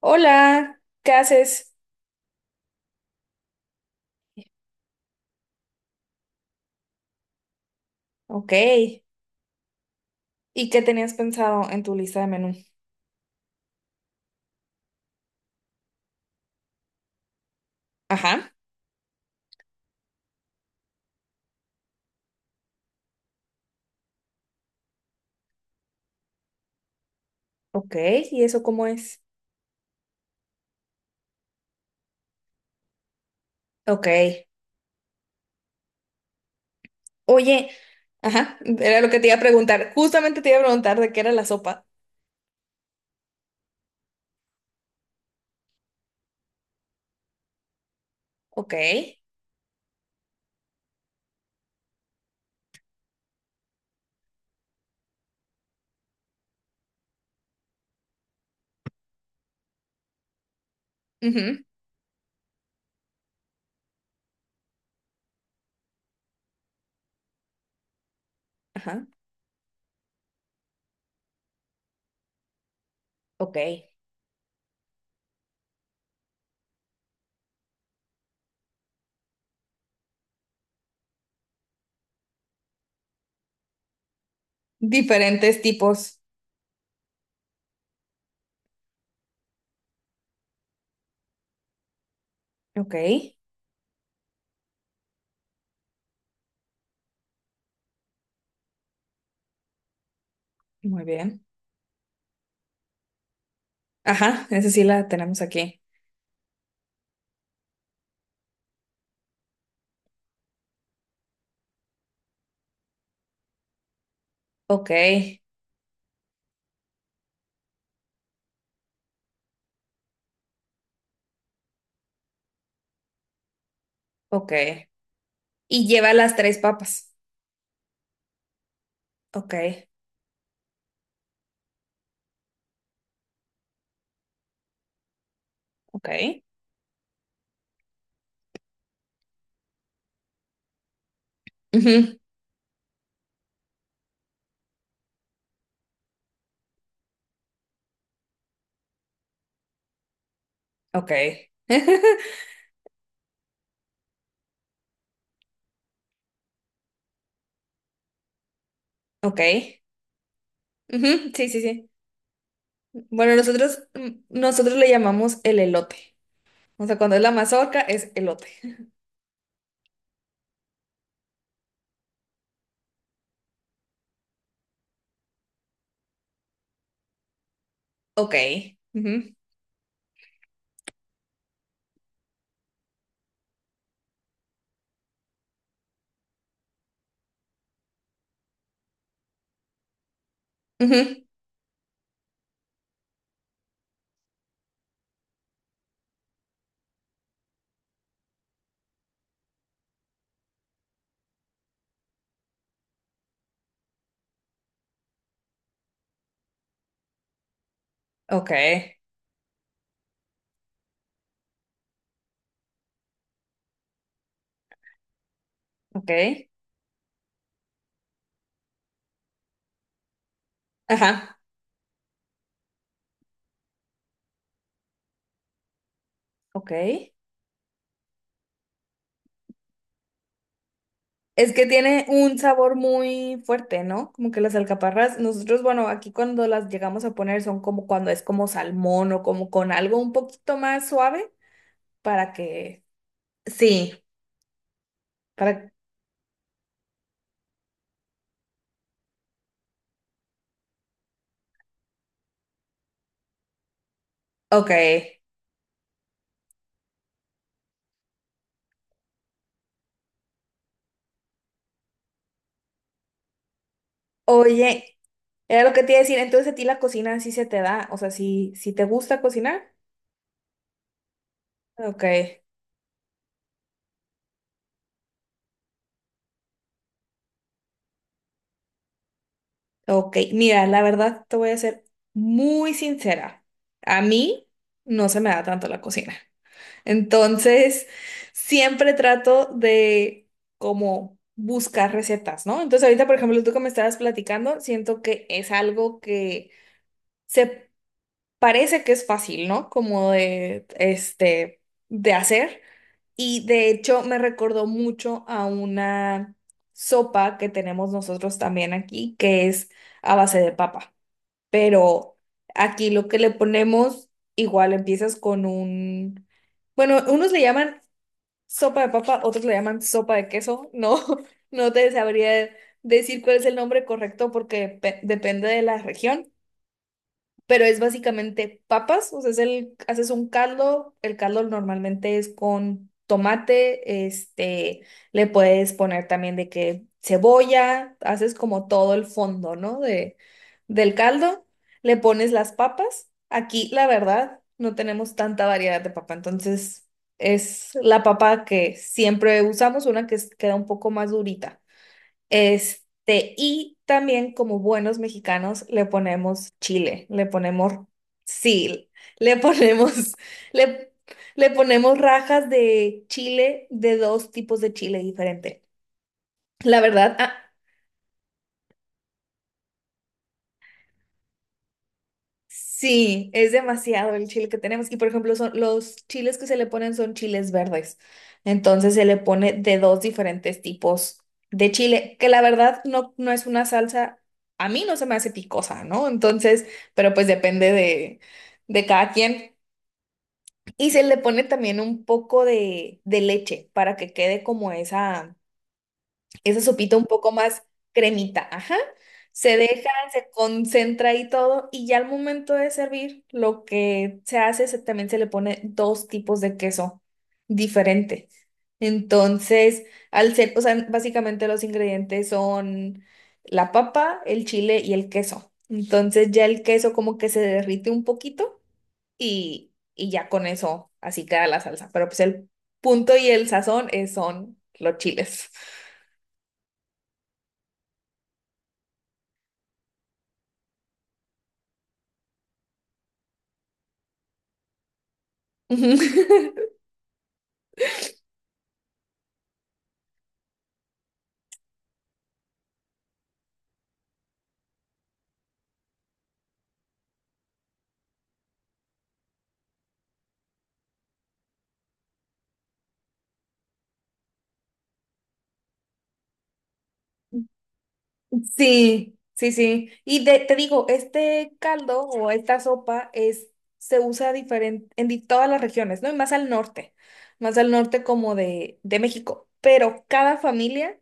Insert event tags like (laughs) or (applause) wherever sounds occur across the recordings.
Hola, ¿qué haces? Ok. ¿Y qué tenías pensado en tu lista de menú? Ajá. Ok. ¿Y eso cómo es? Ok. Oye, ajá, era lo que te iba a preguntar. Justamente te iba a preguntar de qué era la sopa. Ok. Ujú. Ajá. Ok. Diferentes tipos. Ok. Muy bien. Ajá, esa sí la tenemos aquí. Ok. Ok. Y lleva las tres papas. Ok. Ok. Ujú. Ok. (laughs) Ok. Ujú. Sí, sí, sí. Bueno, nosotros, nosotros le llamamos el elote. O sea, cuando es la mazorca es elote. Ok. Ujú. Ujú. Ok. Ok. Ajá. Ok. Es que tiene un sabor muy fuerte, ¿no? Como que las alcaparras, nosotros, bueno, aquí cuando las llegamos a poner son como cuando es como salmón o como con algo un poquito más suave para que... Sí. Para... Ok. Oye, era lo que te iba a decir, entonces a ti la cocina sí se te da, o sea, si te gusta cocinar. Ok, ok. Mira, la verdad te voy a ser muy sincera. A mí no se me da tanto la cocina. Entonces, siempre trato de como buscar recetas, ¿no? Entonces, ahorita, por ejemplo, tú que me estabas platicando, siento que es algo que se parece que es fácil, ¿no? Como de, este, de hacer. Y de hecho me recordó mucho a una sopa que tenemos nosotros también aquí, que es a base de papa. Pero aquí lo que le ponemos, igual empiezas con un, bueno, unos le llaman sopa de papa, otros le llaman sopa de queso. No, (laughs) no te sabría decir cuál es el nombre correcto porque depende de la región, pero es básicamente papas, o sea, es el, haces un caldo, el caldo normalmente es con tomate, este, le puedes poner también de que cebolla, haces como todo el fondo, ¿no? De, del caldo, le pones las papas. Aquí, la verdad, no tenemos tanta variedad de papa, entonces es la papa que siempre usamos, una queda un poco más durita. Este, y también como buenos mexicanos le ponemos chile, le ponemos sil, le ponemos, (laughs) le, le ponemos rajas de chile, de dos tipos de chile diferente. La verdad, a- Sí, es demasiado el chile que tenemos. Y por ejemplo, son, los chiles que se le ponen son chiles verdes. Entonces se le pone de dos diferentes tipos de chile, que la verdad no, no es una salsa, a mí no se me hace picosa, ¿no? Entonces, pero pues depende de cada quien. Y se le pone también un poco de leche para que quede como esa esa sopita un poco más cremita, ajá. Se deja, se concentra y todo, y ya al momento de servir, lo que se hace es que también se le pone dos tipos de queso diferente. Entonces, al ser, o sea, básicamente los ingredientes son la papa, el chile y el queso. Entonces ya el queso como que se derrite un poquito y ya con eso así queda la salsa. Pero pues el punto y el sazón son los chiles. Ujú. (laughs) Sí, sí, sí. Y de- te digo, este caldo o esta sopa es, se usa diferente en todas las regiones, ¿no? Y más al norte como de México. Pero cada familia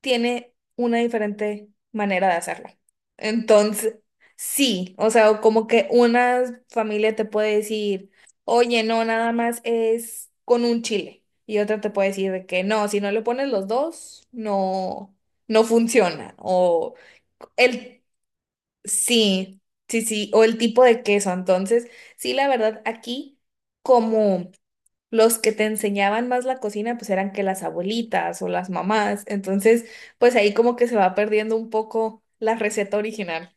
tiene una diferente manera de hacerlo. Entonces, sí, o sea, o como que una familia te puede decir, oye, no, nada más es con un chile. Y otra te puede decir de que no, si no le pones los dos, no, no funciona. O el, sí, sí, sí, o el tipo de queso. Entonces, sí, la verdad, aquí como los que te enseñaban más la cocina pues eran que las abuelitas o las mamás, entonces pues ahí como que se va perdiendo un poco la receta original.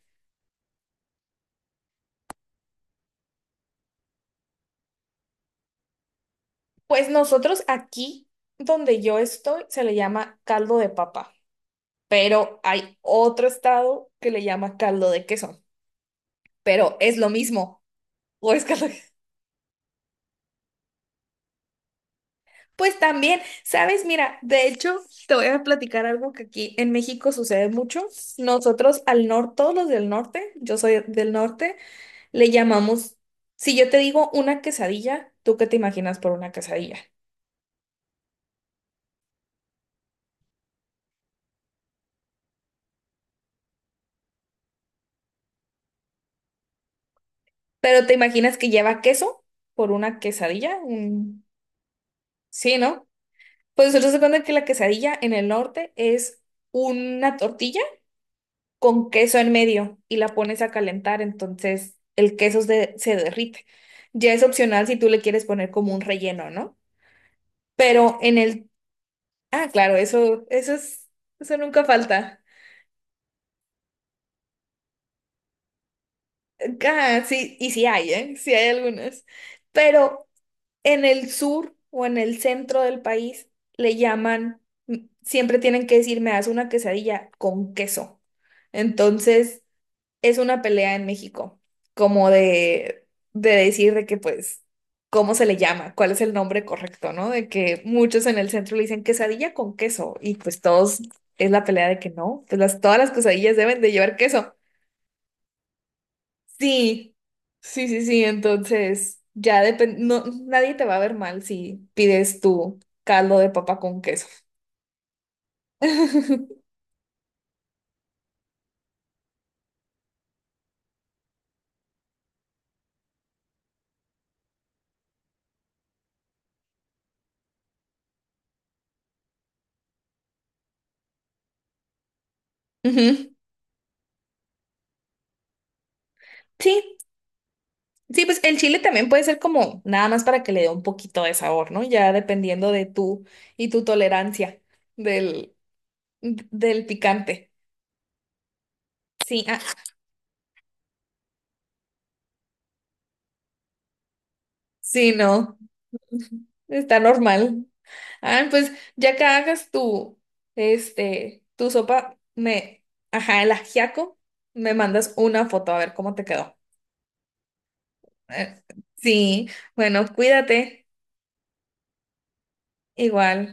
Pues nosotros aquí donde yo estoy se le llama caldo de papa, pero hay otro estado que le llama caldo de queso, pero es lo mismo, o es caldo de- (laughs) Pues también, ¿sabes? Mira, de hecho, te voy a platicar algo que aquí en México sucede mucho. Nosotros al norte, todos los del norte, yo soy del norte, le llamamos, si yo te digo una quesadilla, ¿tú qué te imaginas por una quesadilla? Pero te imaginas que lleva queso por una quesadilla, un- Sí, ¿no? Pues nosotros se cuenta que la quesadilla en el norte es una tortilla con queso en medio y la pones a calentar, entonces el queso se, se derrite. Ya es opcional si tú le quieres poner como un relleno, ¿no? Pero en el... Ah, claro, eso es, eso nunca falta. Ah, sí, y sí hay, ¿eh? Sí hay algunas. Pero en el sur o en el centro del país le llaman, siempre tienen que decir, me das una quesadilla con queso. Entonces, es una pelea en México, como de decir de que, pues, ¿cómo se le llama? ¿Cuál es el nombre correcto, no? De que muchos en el centro le dicen quesadilla con queso y pues todos es la pelea de que no, pues las, todas las quesadillas deben de llevar queso. Sí, sí, sí, sí. Entonces, ya depende, no, nadie te va a ver mal si pides tu caldo de papa con queso. (laughs) Ujú. Sí, sí, pues el chile también puede ser como nada más para que le dé un poquito de sabor, ¿no? Ya dependiendo de tú y tu tolerancia del, del picante. Sí, ah, sí, no. Está normal. Ah, pues ya que hagas tu, este, tu sopa, me, ajá, el ajiaco, me mandas una foto a ver cómo te quedó. Eh, sí, bueno, cuídate, igual.